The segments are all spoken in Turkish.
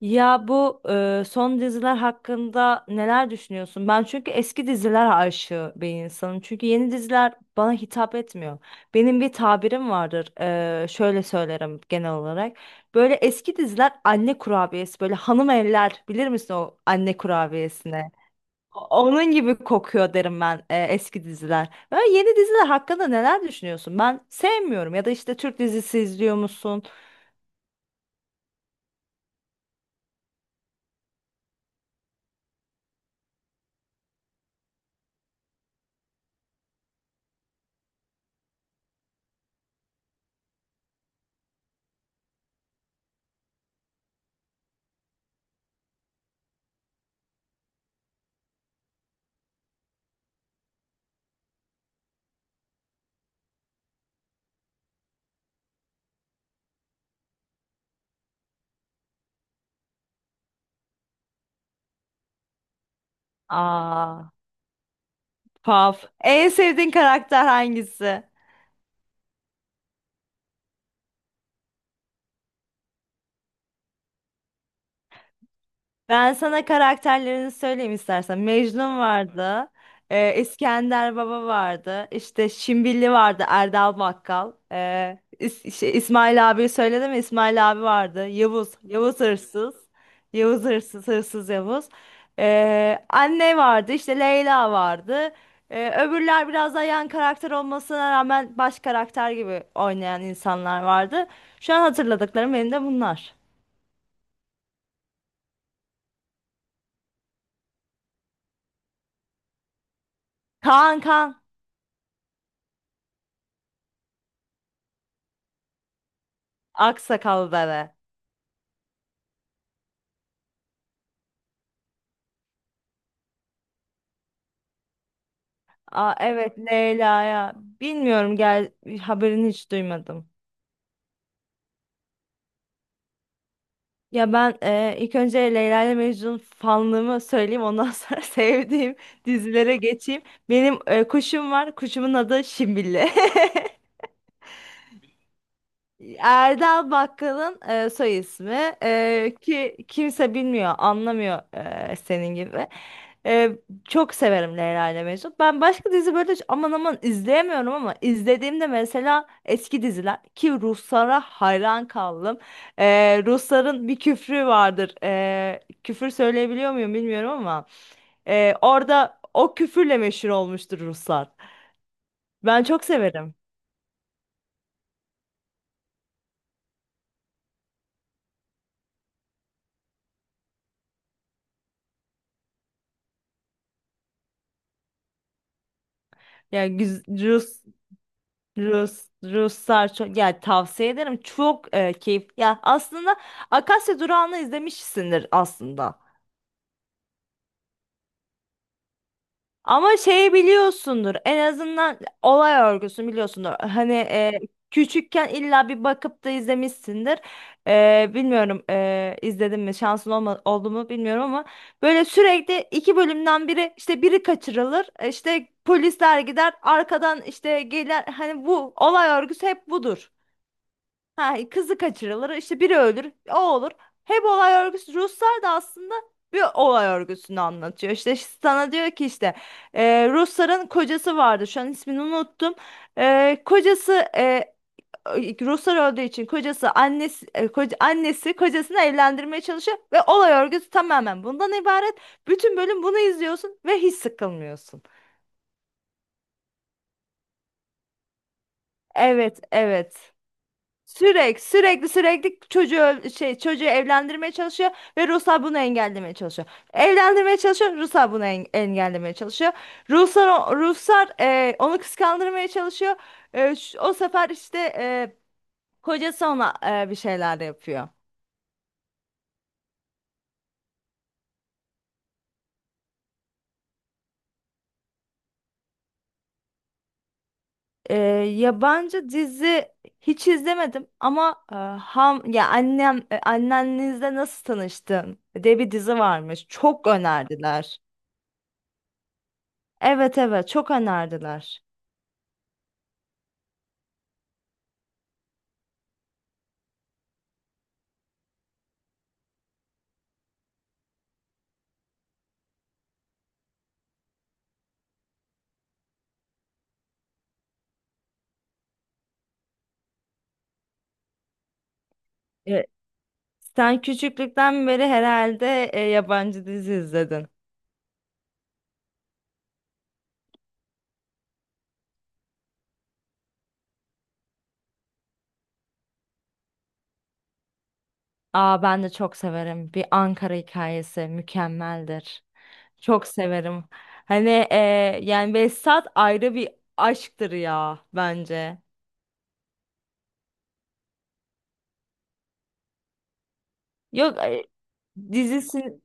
Ya bu son diziler hakkında neler düşünüyorsun? Ben çünkü eski diziler aşığı bir insanım. Çünkü yeni diziler bana hitap etmiyor. Benim bir tabirim vardır. Şöyle söylerim genel olarak. Böyle eski diziler anne kurabiyesi, böyle hanım evler bilir misin o anne kurabiyesine? Onun gibi kokuyor derim ben, eski diziler. Böyle yeni diziler hakkında neler düşünüyorsun? Ben sevmiyorum, ya da işte Türk dizisi izliyor musun? Aa. Puff. En sevdiğin karakter hangisi? Ben sana karakterlerini söyleyeyim istersen. Mecnun vardı. İskender Baba vardı. İşte Şimbilli vardı. Erdal Bakkal. İsmail abi söyledim mi? İsmail abi vardı. Yavuz. Yavuz Hırsız. Yavuz Hırsız. Hırsız Yavuz. Anne vardı. İşte Leyla vardı. Öbürler biraz daha yan karakter olmasına rağmen baş karakter gibi oynayan insanlar vardı. Şu an hatırladıklarım benim de bunlar. Kaan Kaan. Aksakallı bebe. Aa, evet Leyla'ya. Bilmiyorum, haberini hiç duymadım. Ya ben, ilk önce Leyla ile Mecnun fanlığımı söyleyeyim, ondan sonra sevdiğim dizilere geçeyim. Benim kuşum var. Kuşumun adı Şimbille. Erdal Bakkal'ın soy ismi, ki kimse bilmiyor, anlamıyor, senin gibi. E, Çok severim Leyla ile Mecnun. Ben başka dizi böyle hiç aman aman izleyemiyorum, ama izlediğimde, mesela eski diziler ki, Ruslara hayran kaldım. E, Rusların bir küfrü vardır. Küfür söyleyebiliyor muyum bilmiyorum ama orada o küfürle meşhur olmuştur Ruslar. Ben çok severim. Yani Ruslar çok, yani tavsiye ederim. Çok keyif. Ya aslında Akasya Durağı'nı izlemişsindir aslında. Ama şeyi biliyorsundur. En azından olay örgüsünü biliyorsundur. Hani küçükken illa bir bakıp da izlemişsindir. Bilmiyorum, izledim mi, şansın oldu mu bilmiyorum, ama böyle sürekli iki bölümden biri, işte biri kaçırılır. İşte polisler gider, arkadan işte gelir. Hani bu olay örgüsü hep budur. Ha, kızı kaçırılır, işte biri ölür, o olur. Hep olay örgüsü. Ruslar da aslında bir olay örgüsünü anlatıyor. İşte sana diyor ki, işte Rusların kocası vardı. Şu an ismini unuttum. Kocası, Ruslar öldüğü için kocası annesi, annesi kocasını evlendirmeye çalışıyor ve olay örgüsü tamamen bundan ibaret. Bütün bölüm bunu izliyorsun ve hiç sıkılmıyorsun. Evet, evet. Sürekli sürekli sürekli çocuğu öl- şey çocuğu evlendirmeye çalışıyor ve Ruslar bunu engellemeye çalışıyor. Evlendirmeye çalışıyor, Ruslar bunu engellemeye çalışıyor. Ruslar onu kıskandırmaya çalışıyor. O sefer işte kocası ona bir şeyler yapıyor. E, Yabancı dizi hiç izlemedim, ama e, ham ya annem, annenizle nasıl tanıştın diye bir dizi varmış. Çok önerdiler. Evet, evet, çok önerdiler. Sen küçüklükten beri herhalde yabancı dizi izledin. Aa, ben de çok severim. Bir Ankara Hikayesi mükemmeldir. Çok severim. Hani, yani Behzat ayrı bir aşktır ya bence. Yok, dizisi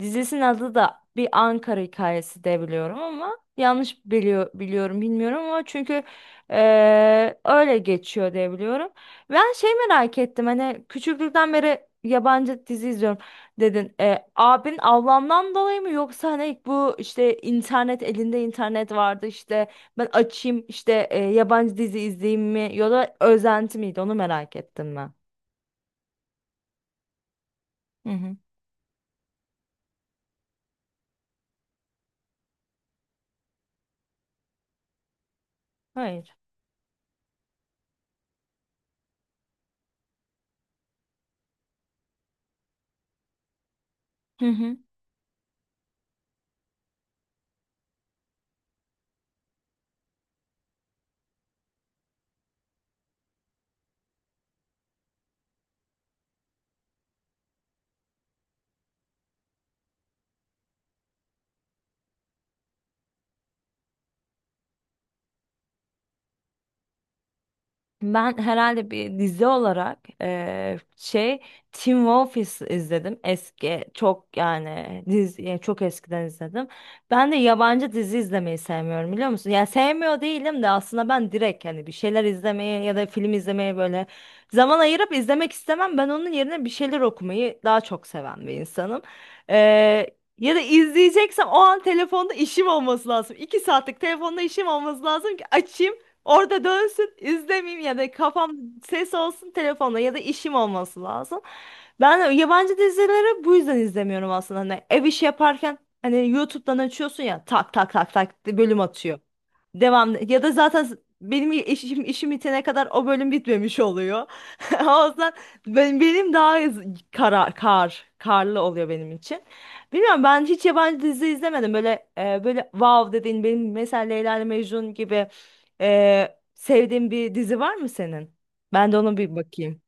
Dizisinin adı da Bir Ankara Hikayesi de biliyorum, ama yanlış biliyorum bilmiyorum, ama çünkü öyle geçiyor diye biliyorum. Ben şey merak ettim, hani küçüklükten beri yabancı dizi izliyorum dedin. Abin ablamdan dolayı mı, yoksa hani bu işte internet, elinde internet vardı işte, ben açayım işte yabancı dizi izleyeyim mi, ya da özenti miydi, onu merak ettim ben. Hı hı. Hayır. Ben herhalde bir dizi olarak Teen Wolf izledim. Eski çok, yani dizi, yani çok eskiden izledim. Ben de yabancı dizi izlemeyi sevmiyorum, biliyor musun? Yani sevmiyor değilim de, aslında ben direkt hani bir şeyler izlemeye ya da film izlemeye böyle zaman ayırıp izlemek istemem. Ben onun yerine bir şeyler okumayı daha çok seven bir insanım. Ya da izleyeceksem, o an telefonda işim olması lazım. İki saatlik telefonda işim olması lazım ki açayım. Orada dönsün, izlemeyeyim, ya da kafam, ses olsun telefonda, ya da işim olması lazım. Ben yabancı dizileri bu yüzden izlemiyorum aslında. Hani ev işi yaparken hani YouTube'dan açıyorsun ya, tak tak tak tak bölüm atıyor. Devam, ya da zaten benim işim bitene kadar o bölüm bitmemiş oluyor. O yüzden benim daha z- kara, kar karlı oluyor benim için. Bilmiyorum, ben hiç yabancı dizi izlemedim. Böyle böyle wow dediğin, benim mesela Leyla ile Mecnun gibi sevdiğin bir dizi var mı senin? Ben de ona bir bakayım.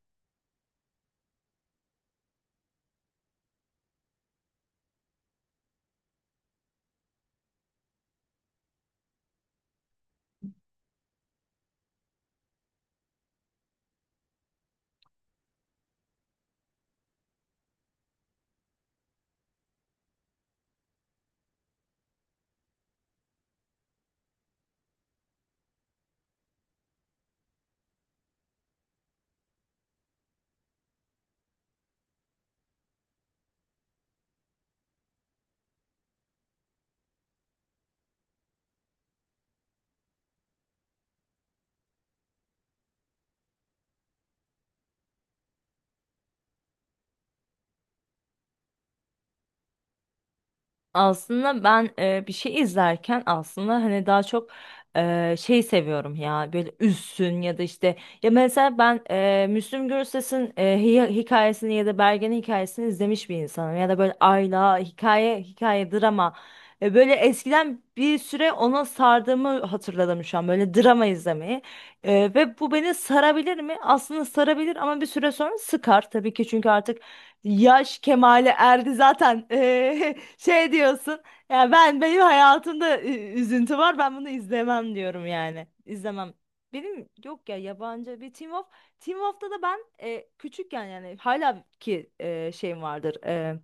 Aslında ben bir şey izlerken aslında hani daha çok şey seviyorum ya, böyle üzsün, ya da işte, ya mesela ben Müslüm Gürses'in hikayesini ya da Bergen'in hikayesini izlemiş bir insanım, ya da böyle Ayla, hikaye hikaye drama. Böyle eskiden bir süre ona sardığımı hatırladım şu an, böyle drama izlemeyi. Ve bu beni sarabilir mi? Aslında sarabilir, ama bir süre sonra sıkar tabii ki, çünkü artık yaş kemale erdi zaten, şey diyorsun, ya benim hayatımda üzüntü var, ben bunu izlemem diyorum yani. İzlemem. Benim yok ya, yabancı bir, Teen Wolf'ta da ben küçükken yani, hala ki şeyim vardır,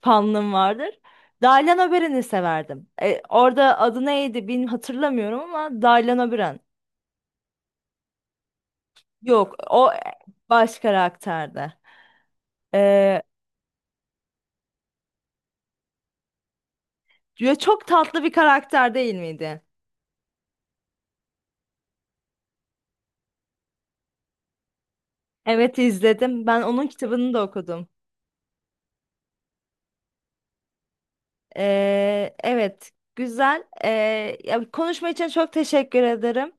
fanlığım vardır. Daylan Öberen'i severdim. Orada adı neydi bilmiyorum, hatırlamıyorum, ama Daylan Öberen, yok o baş karakterde. Ya çok tatlı bir karakter değil miydi? Evet, izledim. Ben onun kitabını da okudum. Evet, güzel. Ya konuşma için çok teşekkür ederim.